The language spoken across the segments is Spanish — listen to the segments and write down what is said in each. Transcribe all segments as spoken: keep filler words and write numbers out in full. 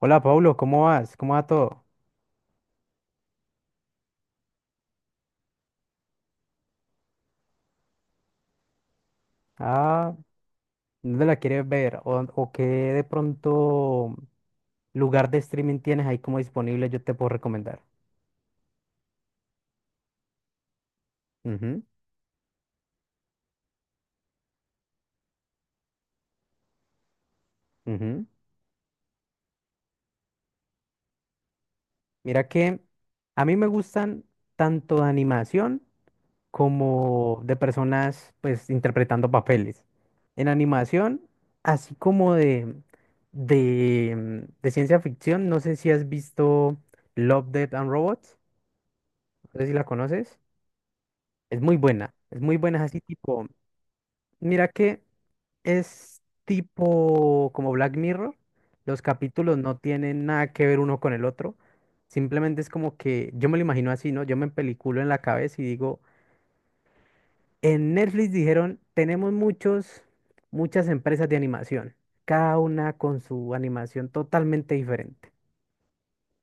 Hola, Pablo, ¿cómo vas? ¿Cómo va todo? Ah, ¿dónde la quieres ver? ¿O, o qué de pronto lugar de streaming tienes ahí como disponible? Yo te puedo recomendar. Ujú, ujú. Mira que a mí me gustan tanto de animación como de personas pues interpretando papeles. En animación, así como de, de, de ciencia ficción, no sé si has visto Love, Death and Robots, no sé si la conoces. Es muy buena, es muy buena, es así tipo, mira que es tipo como Black Mirror, los capítulos no tienen nada que ver uno con el otro, simplemente es como que yo me lo imagino así, ¿no? Yo me peliculo en la cabeza y digo, en Netflix dijeron, tenemos muchos, muchas empresas de animación, cada una con su animación totalmente diferente.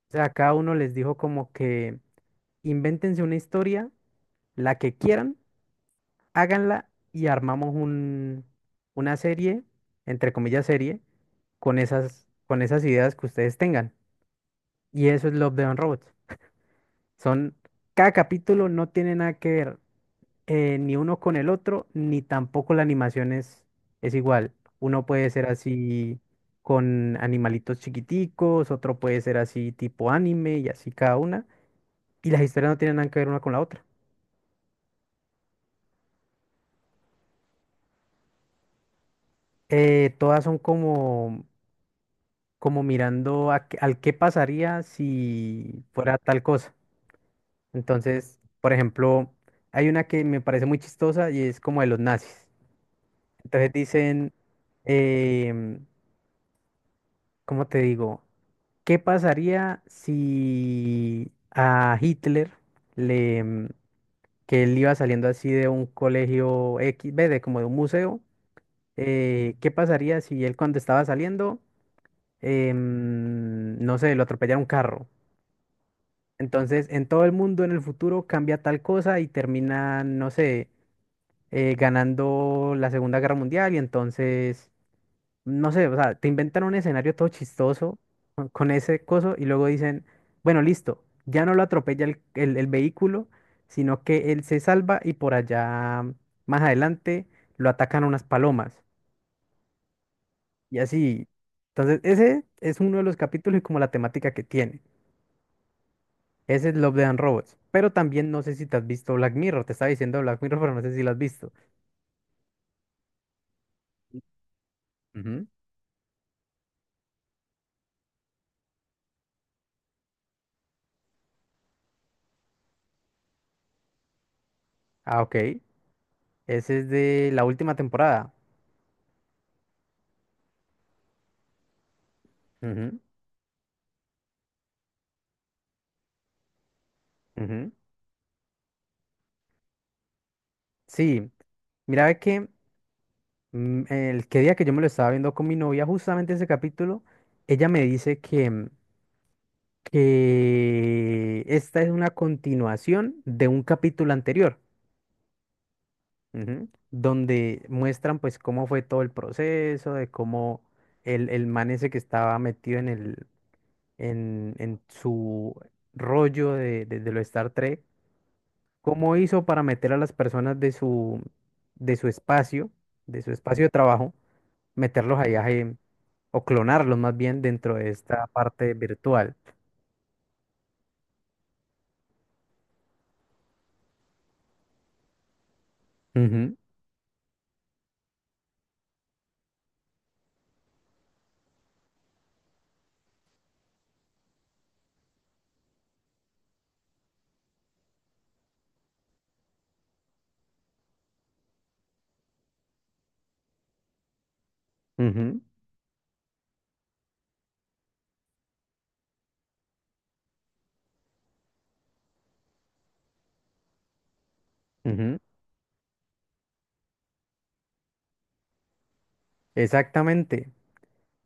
O sea, cada uno les dijo como que invéntense una historia, la que quieran háganla y armamos un, una serie, entre comillas serie, con esas, con esas ideas que ustedes tengan. Y eso es Love, Death and Robots. Son, cada capítulo no tiene nada que ver eh, ni uno con el otro, ni tampoco la animación es, es igual. Uno puede ser así con animalitos chiquiticos, otro puede ser así tipo anime y así cada una. Y las historias no tienen nada que ver una con la otra. Eh, todas son como como mirando a qué- al qué pasaría si fuera tal cosa. Entonces, por ejemplo, hay una que me parece muy chistosa y es como de los nazis. Entonces dicen, em, ¿cómo te digo? ¿Qué pasaría si a Hitler le, em, que él iba saliendo así de un colegio X, ve, de como de un museo, eh, ¿qué pasaría si él cuando estaba saliendo, em, no sé, lo atropellara un carro? Entonces, en todo el mundo en el futuro cambia tal cosa y terminan, no sé, eh, ganando la Segunda Guerra Mundial y entonces, no sé, o sea, te inventan un escenario todo chistoso con con ese coso y luego dicen, bueno, listo, ya no lo atropella el, el- el vehículo, sino que él se salva y por allá, más adelante, lo atacan unas palomas y así. Entonces, ese es uno de los capítulos y como la temática que tiene. Ese es Love, Death and Robots. Pero también no sé si te has visto Black Mirror. Te estaba diciendo Black Mirror, pero no sé si lo has visto. Ujú, ah, OK. Ese es de la última temporada. Ujú, ujú. Sí, mira ve que mm, el que día que yo me lo estaba viendo con mi novia, justamente ese capítulo, ella me dice que, mm, que esta es una continuación de un capítulo anterior. Ujú. Donde muestran pues cómo fue todo el proceso, de cómo el, el man ese que estaba metido en el, en, en su rollo de, de, de lo Star Trek, cómo hizo para meter a las personas de su, de su espacio, de su espacio de trabajo, meterlos allá en- o clonarlos más bien dentro de esta parte virtual. Ujú, ujú, ujú. Exactamente.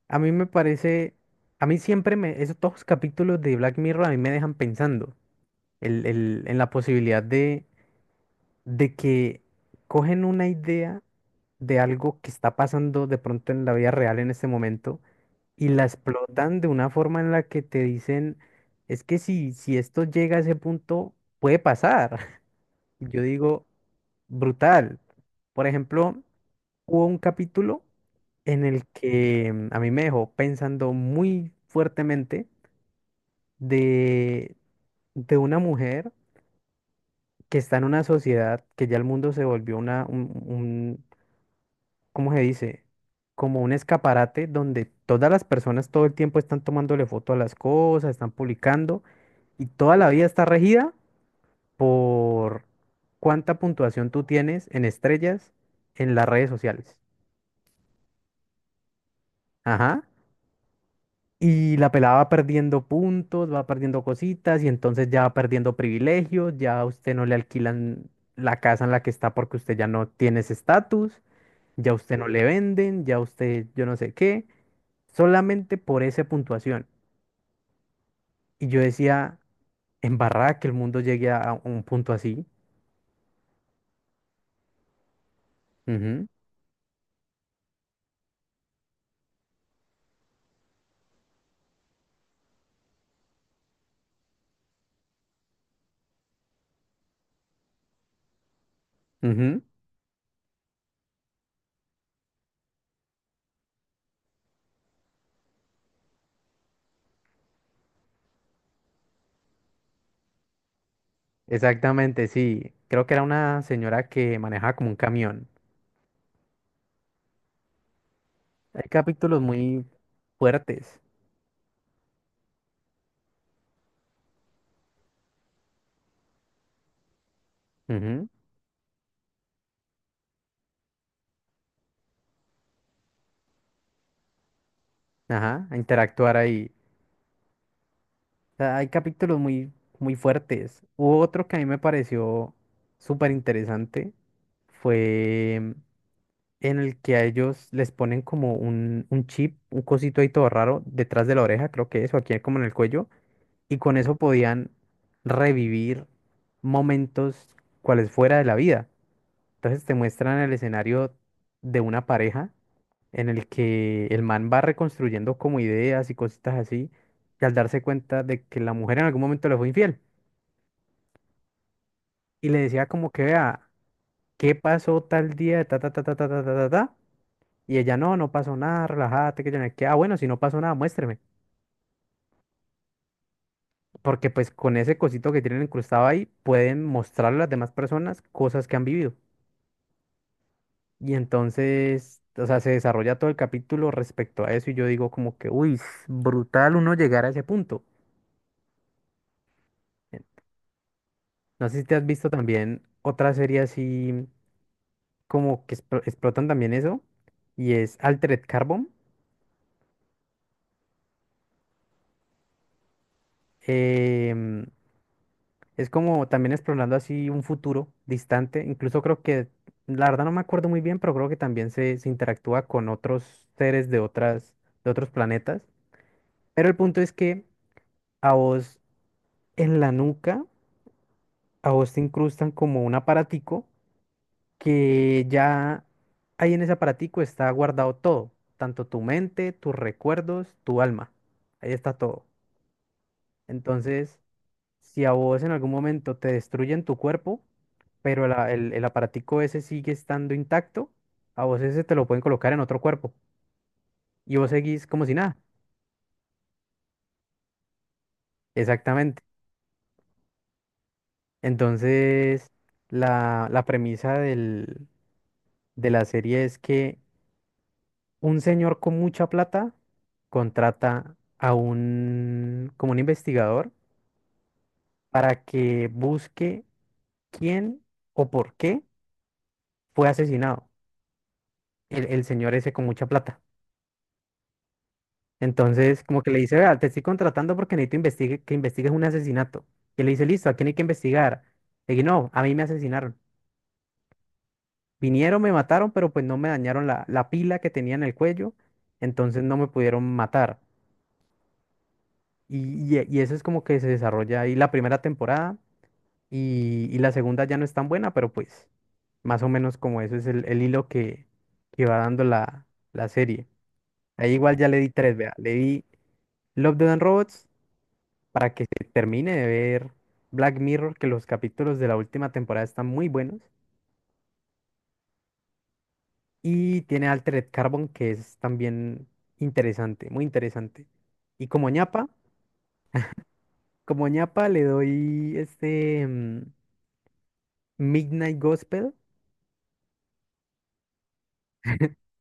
A mí me parece, a mí siempre me, esos todos los capítulos de Black Mirror a mí me dejan pensando el- el- en la posibilidad de de que cogen una idea de algo que está pasando de pronto en la vida real en este momento y la explotan de una forma en la que te dicen, es que si, si esto llega a ese punto, puede pasar. Y yo digo, brutal. Por ejemplo, hubo un capítulo en el que mm, a mí me dejó pensando muy fuertemente de, de una mujer que está en una sociedad que ya el mundo se volvió una, un, ¿cómo se dice? Como un escaparate donde todas las personas todo el tiempo están tomándole foto a las cosas, están publicando y toda la vida está regida por cuánta puntuación tú tienes en estrellas en las redes sociales. Ajá. Y la pelada va perdiendo puntos, va perdiendo cositas y entonces ya va perdiendo privilegios, ya a usted no le alquilan la casa en la que está porque usted ya no tiene ese estatus, ya a usted no le venden, ya a usted yo no sé qué, solamente por esa puntuación. Y yo decía, en barra que el mundo llegue a a un punto así. Ujú, ujú. Exactamente, sí. Creo que era una señora que manejaba como un camión. Hay capítulos muy fuertes. Ujú, ajá, a interactuar ahí. O sea, hay capítulos muy, muy fuertes. Hubo otro que a mí me pareció súper interesante. Fue en el que a ellos les ponen como un, un chip, un cosito ahí todo raro, detrás de la oreja, creo que es o aquí como en el cuello, y con eso podían revivir momentos cuales fuera de la vida. Entonces te muestran el escenario de una pareja en el que el man va reconstruyendo como ideas y cositas así, y al darse cuenta de que la mujer en algún momento le fue infiel, y le decía como que vea, ¿qué pasó tal día? Ta, ta, ta, ta, ta, ta, ta, ta, ta. Y ella, no, no pasó nada, relájate, que yo no sé qué. Ah, bueno, si no pasó nada, muéstreme. Porque pues con ese cosito que tienen incrustado ahí, pueden mostrarle a las demás personas cosas que han vivido. Y entonces, o sea, se desarrolla todo el capítulo respecto a eso y yo digo como que, uy, es brutal uno llegar a ese punto. Eh, No sé si te has visto también otra serie así como que explo- explotan también eso y es Altered Carbon. em, Es como también explorando así un futuro distante. Incluso creo que, la verdad no me acuerdo muy bien, pero creo que también se, se interactúa con otros seres de otras, de otros planetas. Pero el punto es que a vos en la nuca, a vos te incrustan como un aparatico que ya ahí en ese aparatico está guardado todo, tanto tu mente, tus recuerdos, tu alma. Ahí está todo. Entonces, si a vos en algún momento te destruyen tu cuerpo, pero el, a- el, el aparatico ese sigue estando intacto, a vos ese te lo pueden colocar en otro cuerpo y vos seguís como si nada. Exactamente. Entonces, la, la premisa del, de la serie es que un señor con mucha plata contrata a un, como un investigador para que busque quién o por qué fue asesinado el, el señor ese con mucha plata. Entonces, como que le dice, vea, te estoy contratando porque necesito investigue, que investigues un asesinato. Y él le dice, listo, ¿a quién hay que investigar? Le dije, no, a mí me asesinaron. Vinieron, me mataron, pero pues no me dañaron la, la pila que tenía en el cuello, entonces no me pudieron matar. Y, y- y eso es como que se desarrolla ahí la primera temporada y, y la segunda ya no es tan buena, pero pues más o menos como eso es el, el hilo que, que va dando la, la serie. Ahí igual ya le di tres, vea, le di Love, Death and Robots, para que se termine de ver Black Mirror, que los capítulos de la última temporada están muy buenos. Y tiene Altered Carbon, que es también interesante, muy interesante. Y como ñapa, como ñapa le doy este mm, Midnight Gospel.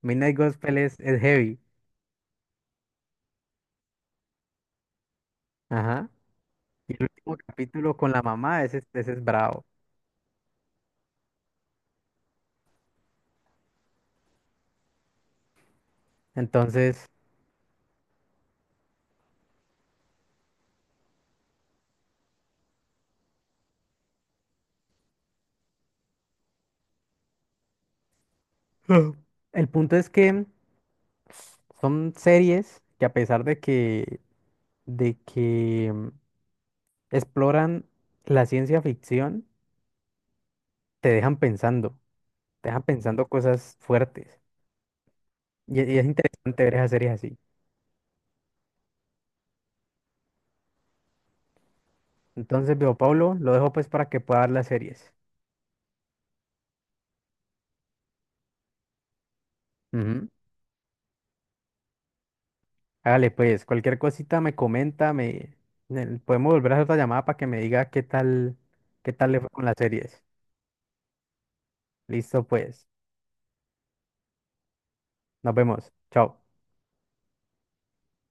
Midnight Gospel es, es heavy. Ajá. Y el último capítulo con la mamá, ese, ese es bravo. Entonces, ah, el punto es que son series que a pesar de que, de que mm, exploran la ciencia ficción, te dejan pensando, te dejan pensando cosas fuertes. Y, y es interesante ver esas series así. Entonces, veo Pablo, lo dejo pues para que pueda ver las series. Ujú. Hágale pues, cualquier cosita me comenta, me, me- podemos volver a hacer otra llamada para que me diga qué tal, qué tal le fue con las series. Listo pues, nos vemos, chao.